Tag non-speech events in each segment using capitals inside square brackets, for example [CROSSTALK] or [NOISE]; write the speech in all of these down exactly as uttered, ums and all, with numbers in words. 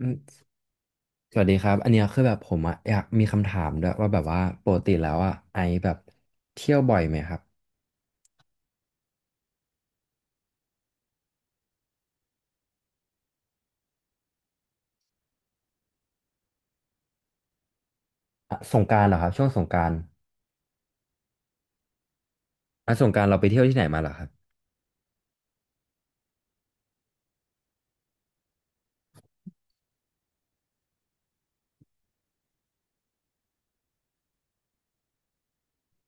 อืมสวัสดีครับอันเนี้ยคือแบบผมอะอยากมีคำถามด้วยว่าแบบว่าปกติแล้วอะไอแบบเที่ยวบ่อยไหมครับอ่ะสงกรานต์เหรอครับช่วงสงกรานต์อ่ะสงกรานต์เราไปเที่ยวที่ไหนมาเหรอครับ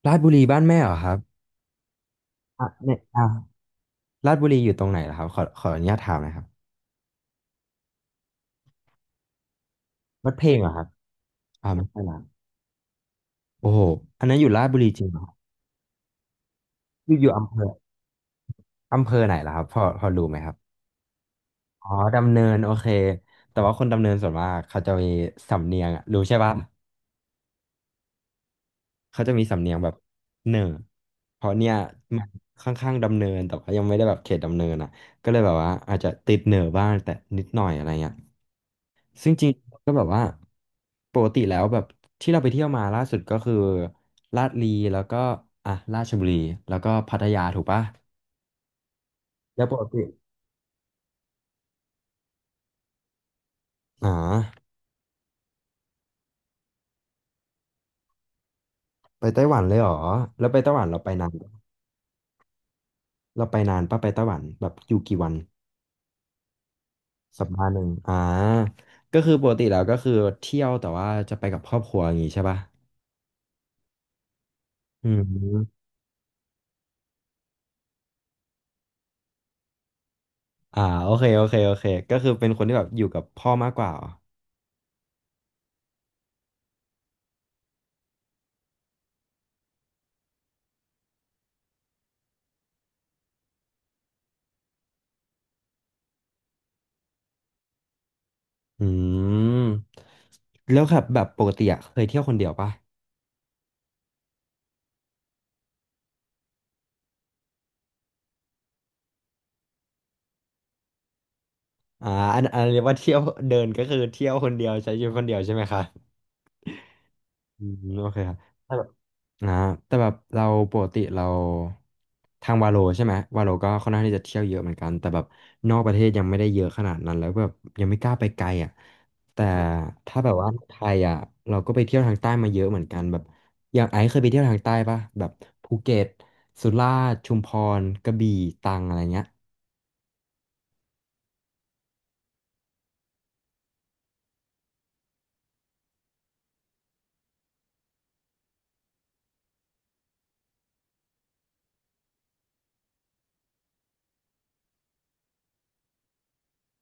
ราชบุรีบ้านแม่เหรอครับอ่ะเนี่ยอ่าราชบุรีอยู่ตรงไหนเหรอครับขอขออนุญาตถามหนะครับวัดเพลงเหรอครับอ่าไม่ใช่ละโอ้โหอันนั้นอยู่ราชบุรีจริงเหรอครับอยู่อยู่อำเภออำเภอไหนเหรอครับพอพอรู้ไหมครับอ๋อดำเนินโอเคแต่ว่าคนดำเนินส่วนมากเขาจะมีสำเนียงอะรู้ใช่ป่ะ เขาจะมีสำเนียงแบบเหน่อเพราะเนี่ยมันค่อนข้างดำเนินแต่ว่ายังไม่ได้แบบเขตดำเนินอ่ะก็เลยแบบว่าอาจจะติดเหน่อบ้างแต่นิดหน่อยอะไรเงี้ยซึ่งจริงๆก็แบบว่าปกติแล้วแบบที่เราไปเที่ยวมาล่าสุดก็คือลาดลีแล้วก็อ่ะราชบุรีแล้วก็พัทยาถูกปะแล้วปกติอ๋อไปไต้หวันเลยเหรอแล้วไปไต้หวันเราไปนานปะเราไปนานปะไปไต้หวันแบบอยู่กี่วัน สัปดาห์หนึ่งอ่าก็คือปกติแล้วก็คือเที่ยวแต่ว่าจะไปกับครอบครัวอย่างงี้ใช่ป่ะอืมอ่าโอเคโอเคโอเคก็คือเป็นคนที่แบบอยู่กับพ่อมากกว่าเหรออืมแล้วครับแบบปกติอะเคยเที่ยวคนเดียวป่ะอ่าอันอันเรียกว่าเที่ยวเดินก็คือเที่ยวคนเดียวใช้ชีวิตคนเดียวใช่ไหมคะ อืมโอเคครับแต่แบบนะแต่แบบเราปกติเราทางวาโลใช่ไหมวาโลก็ค่อนข้างที่จะเที่ยวเยอะเหมือนกันแต่แบบนอกประเทศยังไม่ได้เยอะขนาดนั้นแล้วแบบยังไม่กล้าไปไกลอ่ะแต่ถ้าแบบว่าไทยอ่ะเราก็ไปเที่ยวทางใต้มาเยอะเหมือนกันแบบอย่างไอซ์เคยไปเที่ยวทางใต้ปะแบบภูเก็ตสุราษฎร์ชุมพรกระบี่ตรังอะไรเงี้ย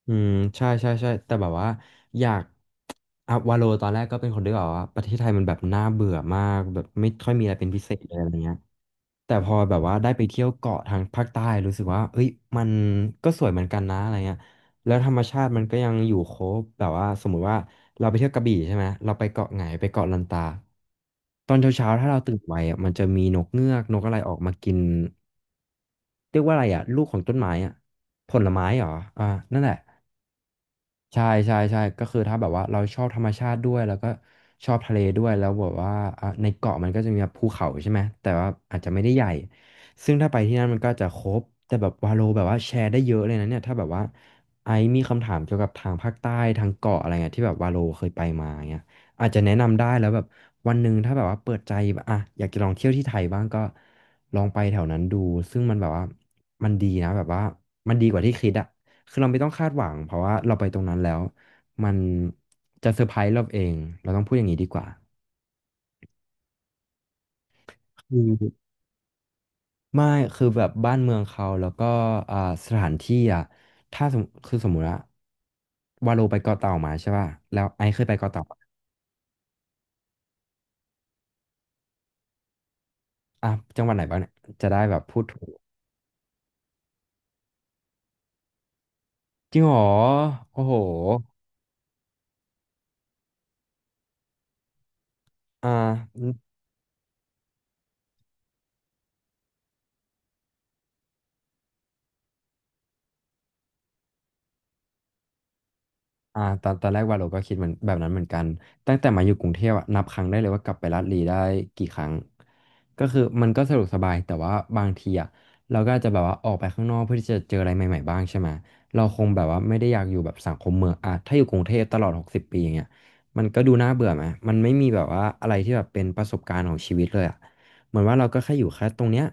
อืมใช่ใช่ใช่แต่แบบว่าอยากอ่ะวาโลตอนแรกก็เป็นคนที่แบบว่าประเทศไทยมันแบบน่าเบื่อมากแบบไม่ค่อยมีอะไรเป็นพิเศษเลยอะไรเงี้ยแต่พอแบบว่าได้ไปเที่ยวเกาะทางภาคใต้รู้สึกว่าเอ้ยมันก็สวยเหมือนกันนะอะไรเงี้ยแล้วธรรมชาติมันก็ยังอยู่ครบแบบว่าสมมุติว่าเราไปเที่ยวกระบี่ใช่ไหมเราไปเกาะไหงไปเกาะลันตาตอนเช้าๆถ้าเราตื่นไวอ่ะมันจะมีนกเงือกนกอะไรออกมากินเรียกว่าอะไรอ่ะลูกของต้นไม้อ่ะผลไม้เหรออ่านั่นแหละ ใช่ใช่ใช่ก็คือถ้าแบบว่าเราชอบธรรมชาติด้วยแล้วก็ชอบทะเลด้วยแล้วแบบว่าอ่ะในเกาะมันก็จะมีแบบภูเขาใช่ไหมแต่ว่าอาจจะไม่ได้ใหญ่ซึ่งถ้าไปที่นั่นมันก็จะครบแต่แบบวาโลแบบว่าแชร์ได้เยอะเลยนะเนี่ยถ้าแบบว่าไอซ์มีคำถามเกี่ยวกับทางภาคใต้ทางเกาะอะไรเงี้ยที่แบบวาโลเคยไปมาเงี้ยอาจจะแนะนำได้แล้วแบบวันหนึ่งถ้าแบบว่าเปิดใจแบบอ่ะอยากจะลองเที่ยวที่ไทยบ้างก็ลองไปแถวนั้นดูซึ่งมันแบบว่ามันดีนะแบบว่ามันดีกว่าที่คิดอะ คือเราไม่ต้องคาดหวังเพราะว่าเราไปตรงนั้นแล้วมันจะเซอร์ไพรส์เราเองเราต้องพูดอย่างนี้ดีกว่าคือไม่คือแบบบ้านเมืองเขาแล้วก็อ่าสถานที่อ่ะถ้าสมคือสมมุติว่าวาโลไปเกาะเต่ามาใช่ป่ะแล้วไอซ์เคยไปเกาะเต่าปะอ่ะจังหวัดไหนบ้างเนี่ยจะได้แบบพูดถูกจริงเหรอโอ้โหอ่า อ่าตอนตอนแรกวาโลก็คิดเหมือนแบบนั้นเหมือนกันตั้งแต่มาอยู่กรุงเทพอะนับครั้งได้เลยว่ากลับไปลาดลีได้กี่ครั้งก็คือมันก็สะดวกสบายแต่ว่าบางทีอะเราก็อาจจะแบบว่าออกไปข้างนอกเพื่อที่จะเจออะไรใหม่ๆบ้างใช่ไหมเราคงแบบว่าไม่ได้อยากอยู่แบบสังคมเมืองอะถ้าอยู่กรุงเทพตลอดหกสิบปีอย่างเงี้ยมันก็ดูน่าเบื่อไหมมันไม่มีแบบว่าอะไรที่แบบเป็นประสบการณ์ของชีวิตเลยอะเหมือนว่าเราก็แค่อยู่แค่ตรงเนี้ย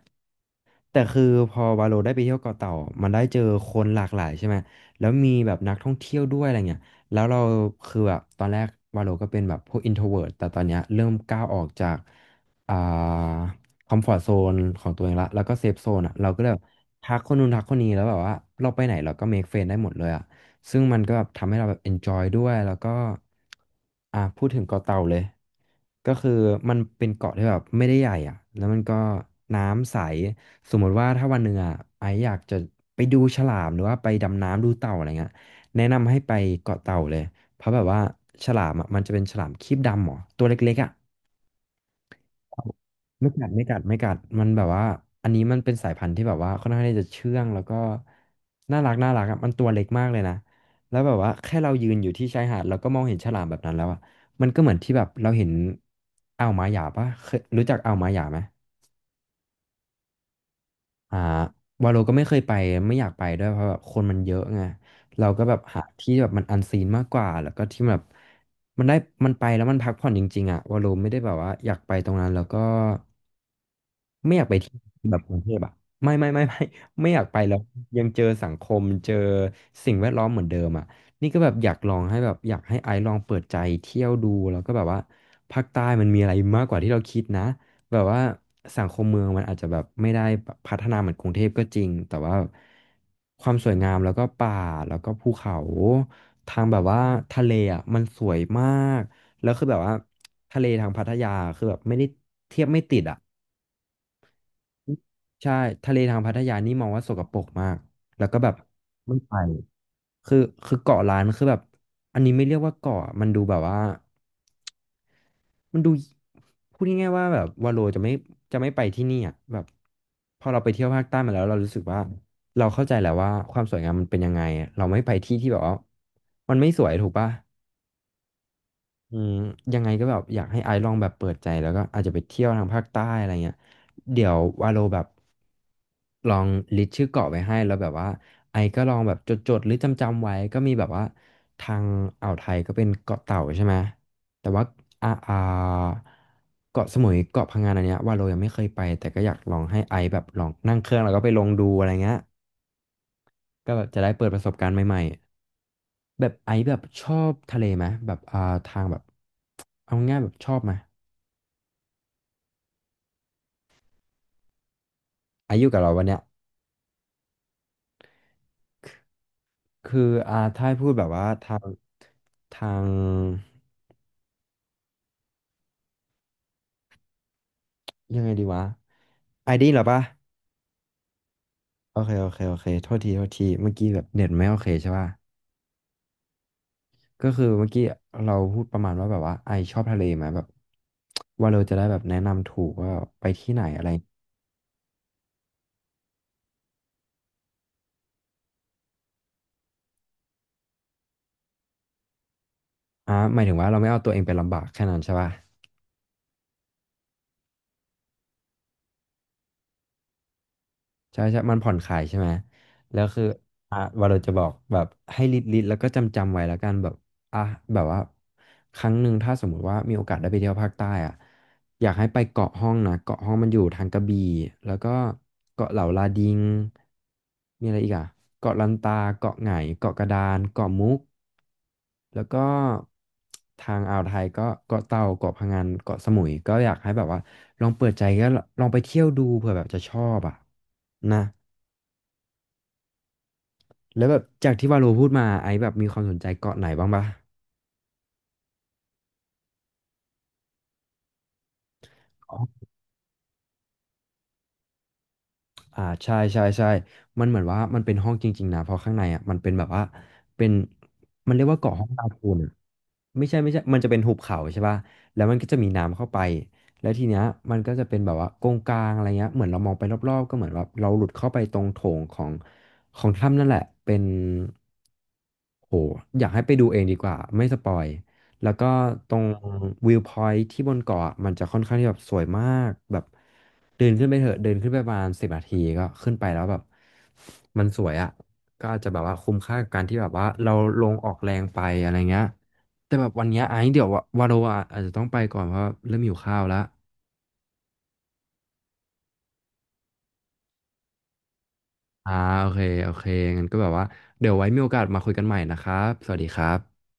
แต่คือพอวาโลได้ไปเที่ยวเกาะเต่ามันได้เจอคนหลากหลายใช่ไหมแล้วมีแบบนักท่องเที่ยวด้วยอะไรเงี้ย แล้วเราคือแบบตอนแรกวาโลก็เป็นแบบพวก อินโทรเวิร์ต แต่ตอนเนี้ยเริ่มก้าวออกจากอ่าคอมฟอร์ตโซนของตัวเองละแล้วก็เซฟโซนอ่ะเราก็เลยแบบทักคนนู้นทักคนนี้แล้วแบบว่าเราไปไหนเราก็ เมค เฟรนด์ ได้หมดเลยอ่ะซึ่งมันก็แบบทำให้เราแบบ เอ็นจอย ด้วยแล้วก็อ่าพูดถึงเกาะเต่าเลยก็คือมันเป็นเกาะที่แบบไม่ได้ใหญ่อ่ะแล้วมันก็น้ำใสสมมติว่าถ้าวันหนึ่งอ่ะไออยากจะไปดูฉลามหรือว่าไปดำน้ำดูเต่าอะไรเงี้ย แนะนำให้ไปเกาะเต่าเลยเพราะแบบว่าฉลามอ่ะมันจะเป็นฉลามครีบดำหรอตัวเล็กๆอ่ะไม่กัดไม่กัดไม่กัดมันแบบว่าอันนี้มันเป็นสายพันธุ์ที่แบบว่าค่อนข้างที่จะเชื่องแล้วก็น่ารักน่ารักอะมันตัวเล็กมากเลยนะแล้วแบบว่าแค่เรายืนอยู่ที่ชายหาดแล้วก็มองเห็นฉลามแบบนั้นแล้วอ่ะมันก็เหมือนที่แบบเราเห็นอ่าวมาหยาปะเคยรู้จักอ่าวมาหยาไหม อ่าวาโลก็ไม่เคยไปไม่อยากไปด้วยเพราะแบบคนมันเยอะไงเราก็แบบหาที่แบบมันอันซีนมากกว่าแล้วก็ที่แบบมันได้มันไปแล้วมันพักผ่อนจริงๆอ่ะวาโลไม่ได้แบบว่าอยากไปตรงนั้นแล้วก็ ไม่อยากไปที่แบบกรุงเทพอ่ะไม่ไม่ไม่ไม่ [LAUGHS] ไม่อยากไปแล้วยังเจอสังคมเจอสิ่งแวดล้อมเหมือนเดิมอ่ะนี่ก็แบบอยากลองให้แบบอยากให้ไอซ์ลองเปิดใจเที่ยวดูแล้วก็แบบว่าภาคใต้มันมีอะไรมากกว่าที่เราคิดนะแบบว่าสังคมเมืองมันอาจจะแบบไม่ได้แบบพัฒนาเหมือนกรุงเทพก็จริงแต่ว่าความสวยงามแล้วก็ป่าแล้วก็ภูเขาทางแบบว่าทะเลอ่ะมันสวยมากแล้วคือแบบว่าทะเลทางพัทยาคือแบบไม่ได้เทียบไม่ติดอ่ะ ใช่ทะเลทางพัทยานี่มองว่าสกปรกมากแล้วก็แบบไม่ไปคือคือเกาะล้านคือแบบอันนี้ไม่เรียกว่าเกาะมันดูแบบว่ามันดูพูดง่ายๆว่าแบบวาโลจะไม่จะไม่ไปที่นี่อ่ะแบบพอเราไปเที่ยวภาคใต้มาแล้วเรารู้สึกว่าเราเข้าใจแหละว่าความสวยงามมันเป็นยังไงเราไม่ไปที่ที่แบบว่ามันไม่สวยถูกปะ อืมยังไงก็แบบอยากให้ไอซ์ลองแบบเปิดใจแล้วก็อาจจะไปเที่ยวทางภาคใต้อะไรเงี้ยเดี๋ยววาโลแบบลองลิสต์ชื่อเกาะไว้ให้แล้วแบบว่าไอซ์ก็ลองแบบจดๆหรือจำๆไว้ก็มีแบบว่าทางอ่าวไทยก็เป็นเกาะเต่าใช่ไหมแต่ว่าอ่าอ่าเกาะสมุยเกาะพังงานอันเนี้ยวาโลยังไม่เคยไปแต่ก็อยากลองให้ไอซ์แบบลองนั่งเครื่องแล้วก็ไปลองดูอะไรเงี้ยก็แบบจะได้เปิดประสบการณ์ใหม่ๆ แบบไอซ์แบบชอบทะเลไหมแบบอ่าทางแบบเอาง่ายๆแบบชอบไหมไอซ์อยู่กับเราวันเนี้ยคืออ่าถ้าให้พูดแบบว่าทางทางยังไงดีวะไอดีเหรอปะโอเคโอเคโอเคโทษทีโทษทีเมื่อกี้แบบเน็ตไม่โอเคใช่ป่ะก็คือเมื่อกี้เราพูดประมาณว่าแบบว่าไอชอบทะเลไหมแบบว่าเราจะได้แบบแนะนำถูกว่าไปที่ไหนอะไรอ่าหมายถึงว่าเราไม่เอาตัวเองไปลำบากแค่นั้นใช่ป่ะ ใช่ใช่ มันผ่อนคลายใช่ไหม แล้วคืออ่ะวาเราจะบอกแบบให้ลิดลิดแล้วก็จำจำไว้แล้วกันแบบ อ่ะแบบว่าครั้งหนึ่งถ้าสมมุติว่ามีโอกาสได้ไปเที่ยวภาคใต้อ่ะอยากให้ไปเกาะห้องนะเกาะห้องมันอยู่ทางกระบี่แล้วก็เกาะเหล่าลาดิงมีอะไรอีกอ่ะเกาะลันตาเกาะไหงเกาะกระดานเกาะมุกแล้วก็ทางอ่าวไทยก็เกาะเต่าเกาะพะงันเกาะสมุยก็อยากให้แบบว่าลองเปิดใจก็ลองไปเที่ยวดูเผื่อแบบจะชอบอ่ะนะแล้วแบบจากที่วาโลพูดมาไอซ์แบบมีความสนใจเกาะไหนบ้างปะ อ่าใช่ใช่ใช่มันเหมือนว่ามันเป็นห้องจริงๆนะเพราะข้างในอ่ะมันเป็นแบบว่าเป็นมันเรียกว่าเกาะห้องลาคูน ไม่ใช่ไม่ใช่มันจะเป็นหุบเขาใช่ป่ะแล้วมันก็จะมีน้ำเข้าไป แล้วทีเนี้ยมันก็จะเป็นแบบว่าโกงกลางอะไรเงี้ยเหมือนเรามองไปรอบๆก็เหมือนแบบเราหลุดเข้าไปตรงโถงของของถ้ำนั่นแหละเป็นโหอยากให้ไปดูเองดีกว่าไม่สปอยแล้วก็ตรงวิวพอยท์ที่บนเกาะอะมันจะค่อนข้างที่แบบสวยมากแบบเดินขึ้นไปเถอะเดินขึ้นไปประมาณสิบนาทีก็ขึ้นไปแล้วแบบมันสวยอ่ะก็อาจจะแบบว่าคุ้มค่ากับการที่แบบว่าเราลงออกแรงไปอะไรเงี้ย แต่แบบวันเนี้ยไอ้เดี๋ยววะวาโรอะอาจจะต้องไปก่อนเพราะว่าเริ่มหิวข้าวแล้วอ่าโอเคโอเคงั้นก็แบบว่าเดี๋ยวไว้มีโอกาสมาคุยกันใหม่นะครับ สวัสดีครับ